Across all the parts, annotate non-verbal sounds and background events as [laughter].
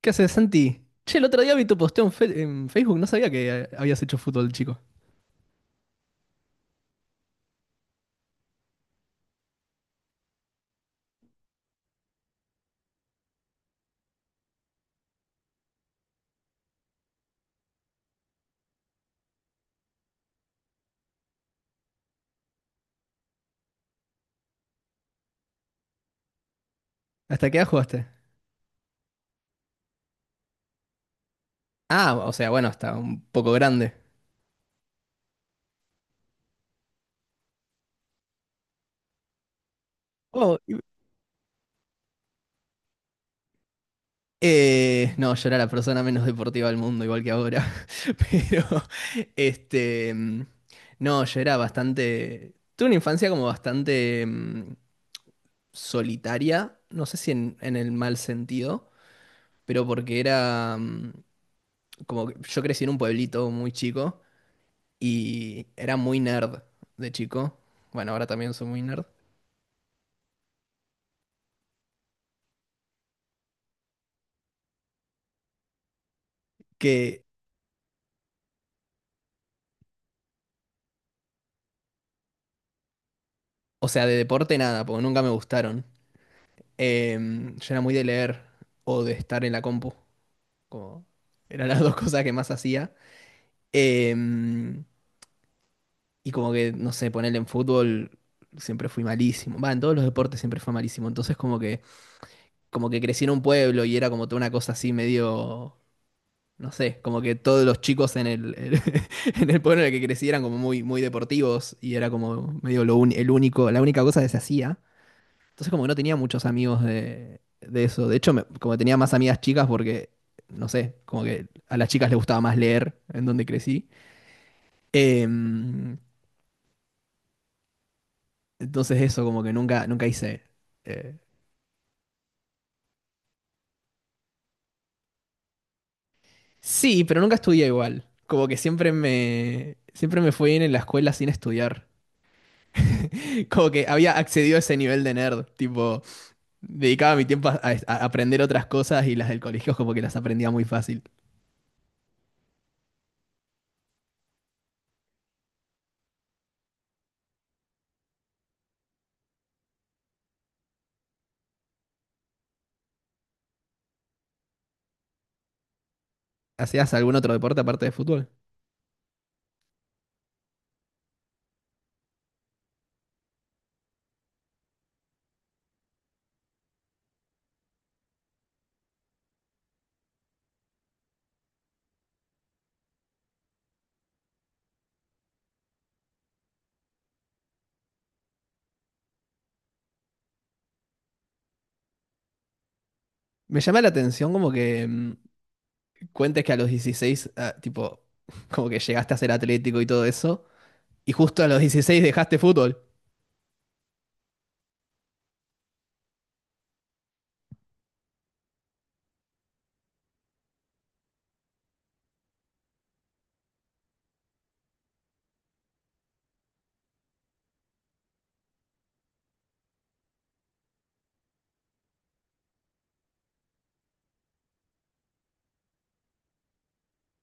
¿Qué haces, Santi? Che, el otro día vi tu posteo en en Facebook, no sabía que habías hecho fútbol, chico. ¿Hasta qué edad jugaste? Ah, o sea, bueno, hasta un poco grande. Oh, y- no, yo era la persona menos deportiva del mundo, igual que ahora. [laughs] Pero, este, mm, no, yo era bastante, tuve una infancia como bastante, solitaria, no sé si en el mal sentido, pero porque era, como que yo crecí en un pueblito muy chico y era muy nerd de chico. Bueno, ahora también soy muy nerd. Que, o sea, de deporte nada, porque nunca me gustaron. Yo era muy de leer o de estar en la compu. Como eran las dos [laughs] cosas que más hacía. Em, y como que, no sé, ponerle en fútbol siempre fui malísimo. Va, en todos los deportes siempre fue malísimo. Entonces como que crecí en un pueblo y era como toda una cosa así medio, no sé, como que todos los chicos en [laughs] en el pueblo en el que crecí eran como muy, muy deportivos y era como medio el único, la única cosa que se hacía. Entonces como que no tenía muchos amigos de eso. De hecho, como que tenía más amigas chicas porque, no sé, como que a las chicas les gustaba más leer en donde crecí. Em, entonces eso, como que nunca, nunca hice. eh, sí, pero nunca estudié igual. Como que siempre me fue bien en la escuela sin estudiar. [laughs] Como que había accedido a ese nivel de nerd, tipo... Dedicaba mi tiempo a, a aprender otras cosas y las del colegio como que las aprendía muy fácil. ¿Hacías algún otro deporte aparte de fútbol? Me llama la atención como que, cuentes que a los 16, ah, tipo, [laughs] como que llegaste a ser atlético y todo eso, y justo a los 16 dejaste fútbol.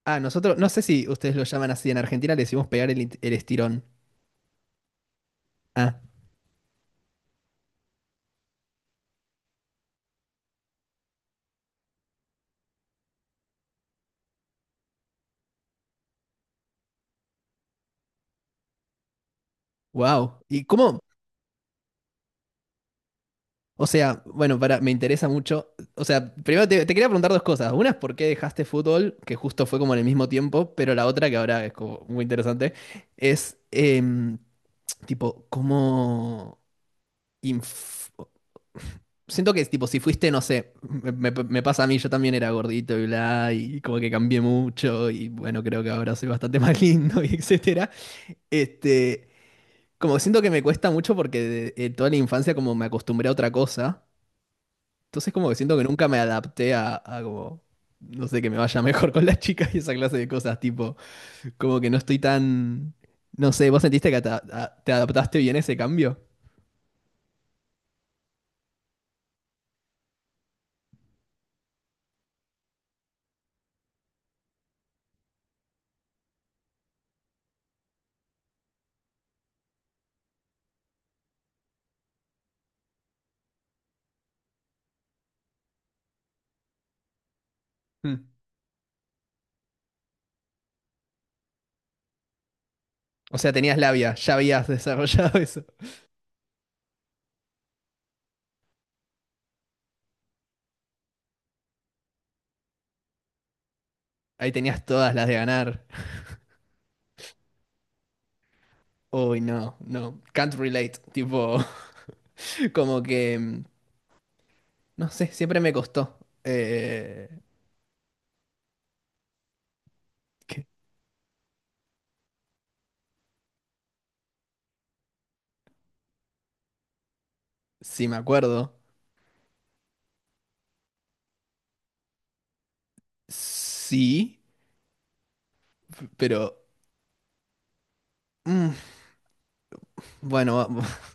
Ah, nosotros, no sé si ustedes lo llaman así, en Argentina le decimos pegar el estirón. Ah, wow. ¿Y cómo... O sea, bueno, para, me interesa mucho. O sea, primero te, te quería preguntar dos cosas. Una es por qué dejaste fútbol, que justo fue como en el mismo tiempo, pero la otra, que ahora es como muy interesante, es tipo, cómo... inf- Siento que es tipo, si fuiste, no sé, me, me pasa a mí, yo también era gordito y bla, y como que cambié mucho, y bueno, creo que ahora soy bastante más lindo, [laughs] y etcétera. Este, Como siento que me cuesta mucho porque de toda la infancia como me acostumbré a otra cosa. Entonces como que siento que nunca me adapté a como, no sé, que me vaya mejor con las chicas y esa clase de cosas, tipo, como que no estoy tan, no sé, ¿vos sentiste que te, te adaptaste bien a ese cambio? Mm. O sea, tenías labia, ya habías desarrollado [laughs] eso. Ahí tenías todas las de ganar. Uy, no, no, can't relate, tipo, [laughs] como que, no sé, siempre me costó. Eh, que, sí, me acuerdo, sí, pero, mm, bueno. [laughs]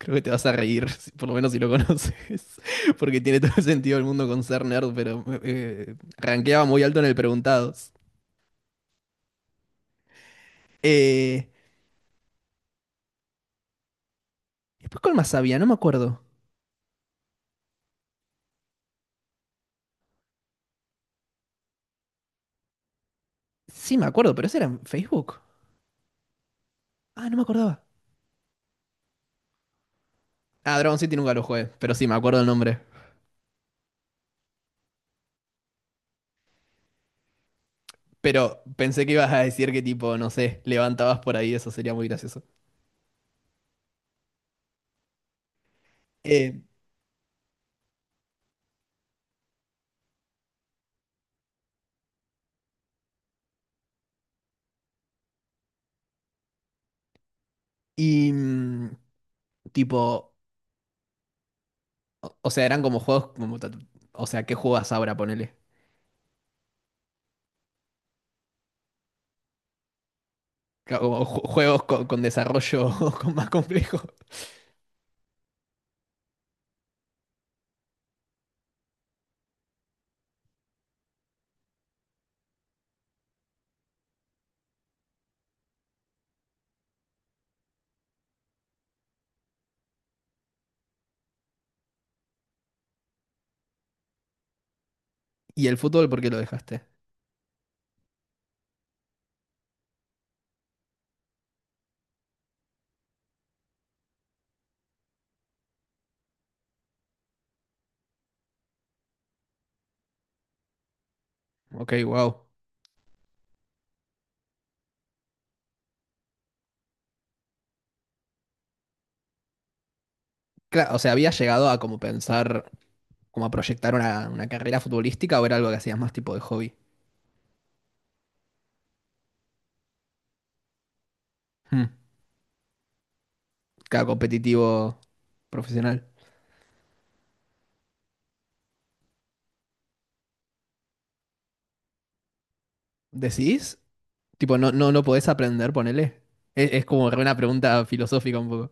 Creo que te vas a reír, [laughs] por lo menos si lo conoces, [laughs] porque tiene todo el sentido del mundo con ser nerd, pero rankeaba muy alto en el Preguntados. Eh, Después, ¿cuál más había? No me acuerdo. Sí, me acuerdo, pero ese era en Facebook. Ah, no me acordaba. Ah, Dragon City nunca lo jugué, pero sí, me acuerdo el nombre. Pero pensé que ibas a decir que tipo, no sé, levantabas por ahí, eso sería muy gracioso. Eh, y mm, tipo, o sea, eran como juegos como... O sea, ¿qué juegas ahora, ponele? Como juegos con desarrollo [laughs] con más complejo. ¿Y el fútbol por qué lo dejaste? Ok, wow. Claro, o sea, ¿habías llegado a como pensar, como a proyectar una carrera futbolística o era algo que hacías más tipo de hobby? Hmm. Claro, competitivo profesional. ¿Decís? Tipo, no, no, no podés aprender, ponele. Es como re una pregunta filosófica un poco.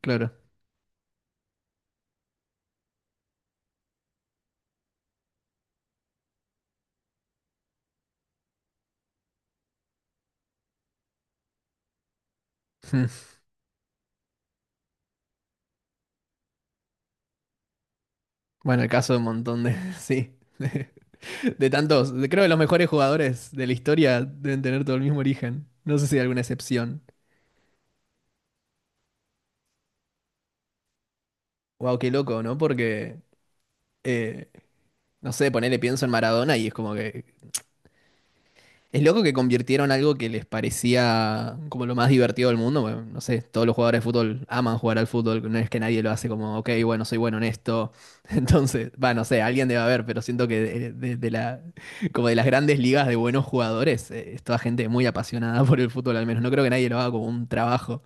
Claro. Hmm. Bueno, el caso de un montón de... [laughs] Sí. [laughs] De tantos, creo que los mejores jugadores de la historia deben tener todo el mismo origen. No sé si hay alguna excepción. Wow, qué loco, ¿no? Porque, eh, no sé, ponele pienso en Maradona y es como que... Es loco que convirtieron algo que les parecía como lo más divertido del mundo. Bueno, no sé, todos los jugadores de fútbol aman jugar al fútbol. No es que nadie lo hace como, ok, bueno, soy bueno en esto. [laughs] Entonces, va, no sé, alguien debe haber, pero siento que de, de la, como de las grandes ligas de buenos jugadores, es toda gente muy apasionada por el fútbol al menos. No creo que nadie lo haga como un trabajo,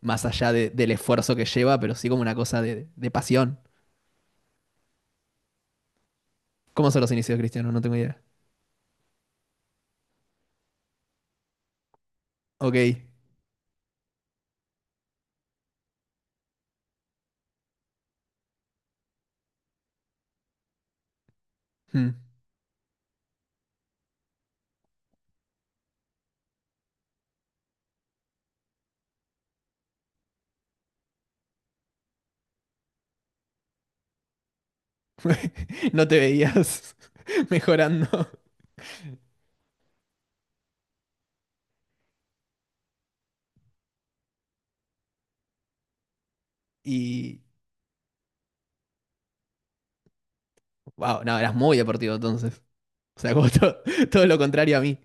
más allá del esfuerzo que lleva, pero sí como una cosa de pasión. ¿Cómo son los inicios de Cristiano? No tengo idea. Ok. Hmm. [laughs] No te veías [laughs] mejorando. Y. Wow, no, eras muy deportivo entonces. O sea, como [laughs] todo lo contrario a mí.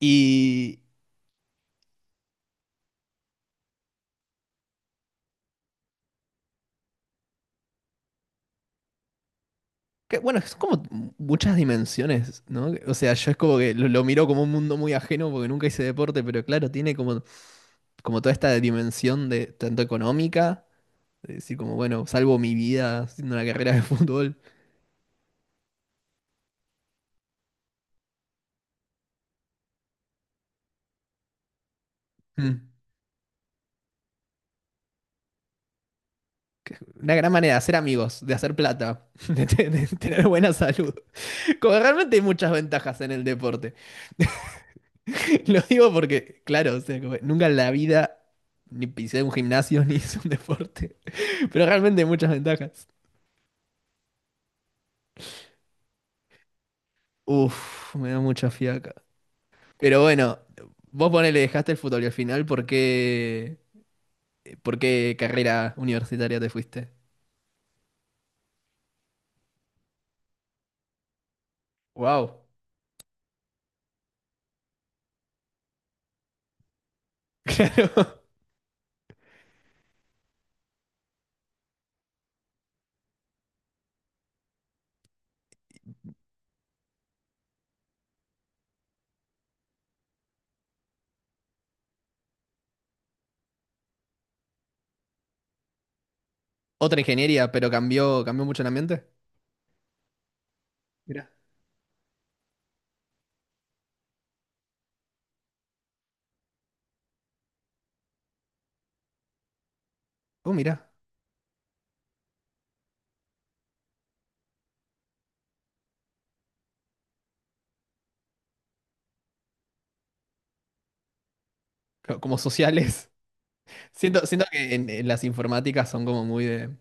Y. Que, bueno, es como muchas dimensiones, ¿no? O sea, yo es como que lo miro como un mundo muy ajeno porque nunca hice deporte, pero claro, tiene como, como toda esta dimensión de tanto económica, de decir como, bueno, salvo mi vida haciendo una carrera de fútbol. Hmm. Que- Una gran manera de hacer amigos, de hacer plata, [laughs] de de tener buena salud. Como realmente hay muchas ventajas en el deporte. [laughs] Lo digo porque, claro, o sea, como nunca en la vida ni pisé un gimnasio ni [laughs] hice un deporte. Pero realmente hay muchas ventajas. Uf, me da mucha fiaca. Pero bueno, vos ponele, dejaste el fútbol y al final, por qué carrera universitaria te fuiste? Wow. [laughs] Claro. Otra ingeniería, pero cambió, cambió mucho el ambiente. Mirá. Oh, mirá. Co- Como sociales. Siento, siento que en las informáticas son como muy de,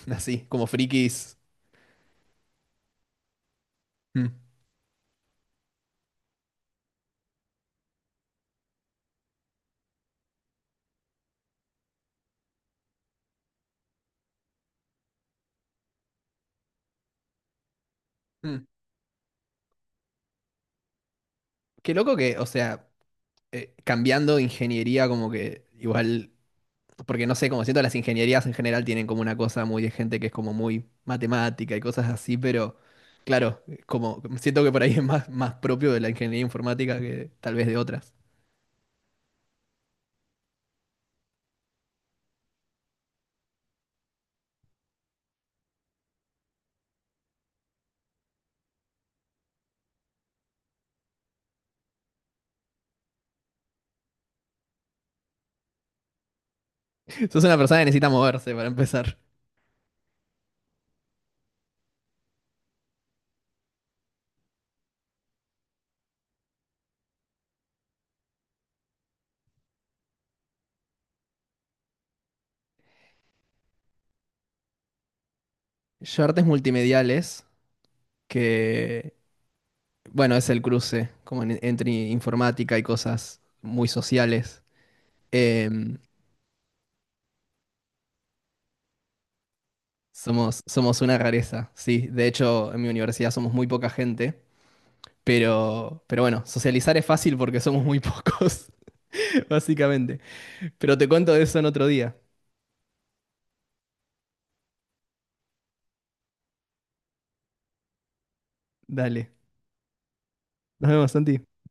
[laughs] así, como frikis. Mm, mm. Qué loco que, o sea, cambiando ingeniería como que igual, porque no sé, como siento las ingenierías en general tienen como una cosa muy de gente que es como muy matemática y cosas así, pero claro, como siento que por ahí es más, más propio de la ingeniería informática que tal vez de otras. [laughs] Sos una persona que necesita moverse para empezar. Yo artes multimediales, que bueno, es el cruce como entre informática y cosas muy sociales. Eh, Somos, somos una rareza, sí. De hecho, en mi universidad somos muy poca gente, pero bueno, socializar es fácil porque somos muy pocos, [laughs] básicamente. Pero te cuento de eso en otro día. Dale. Nos vemos, Santi.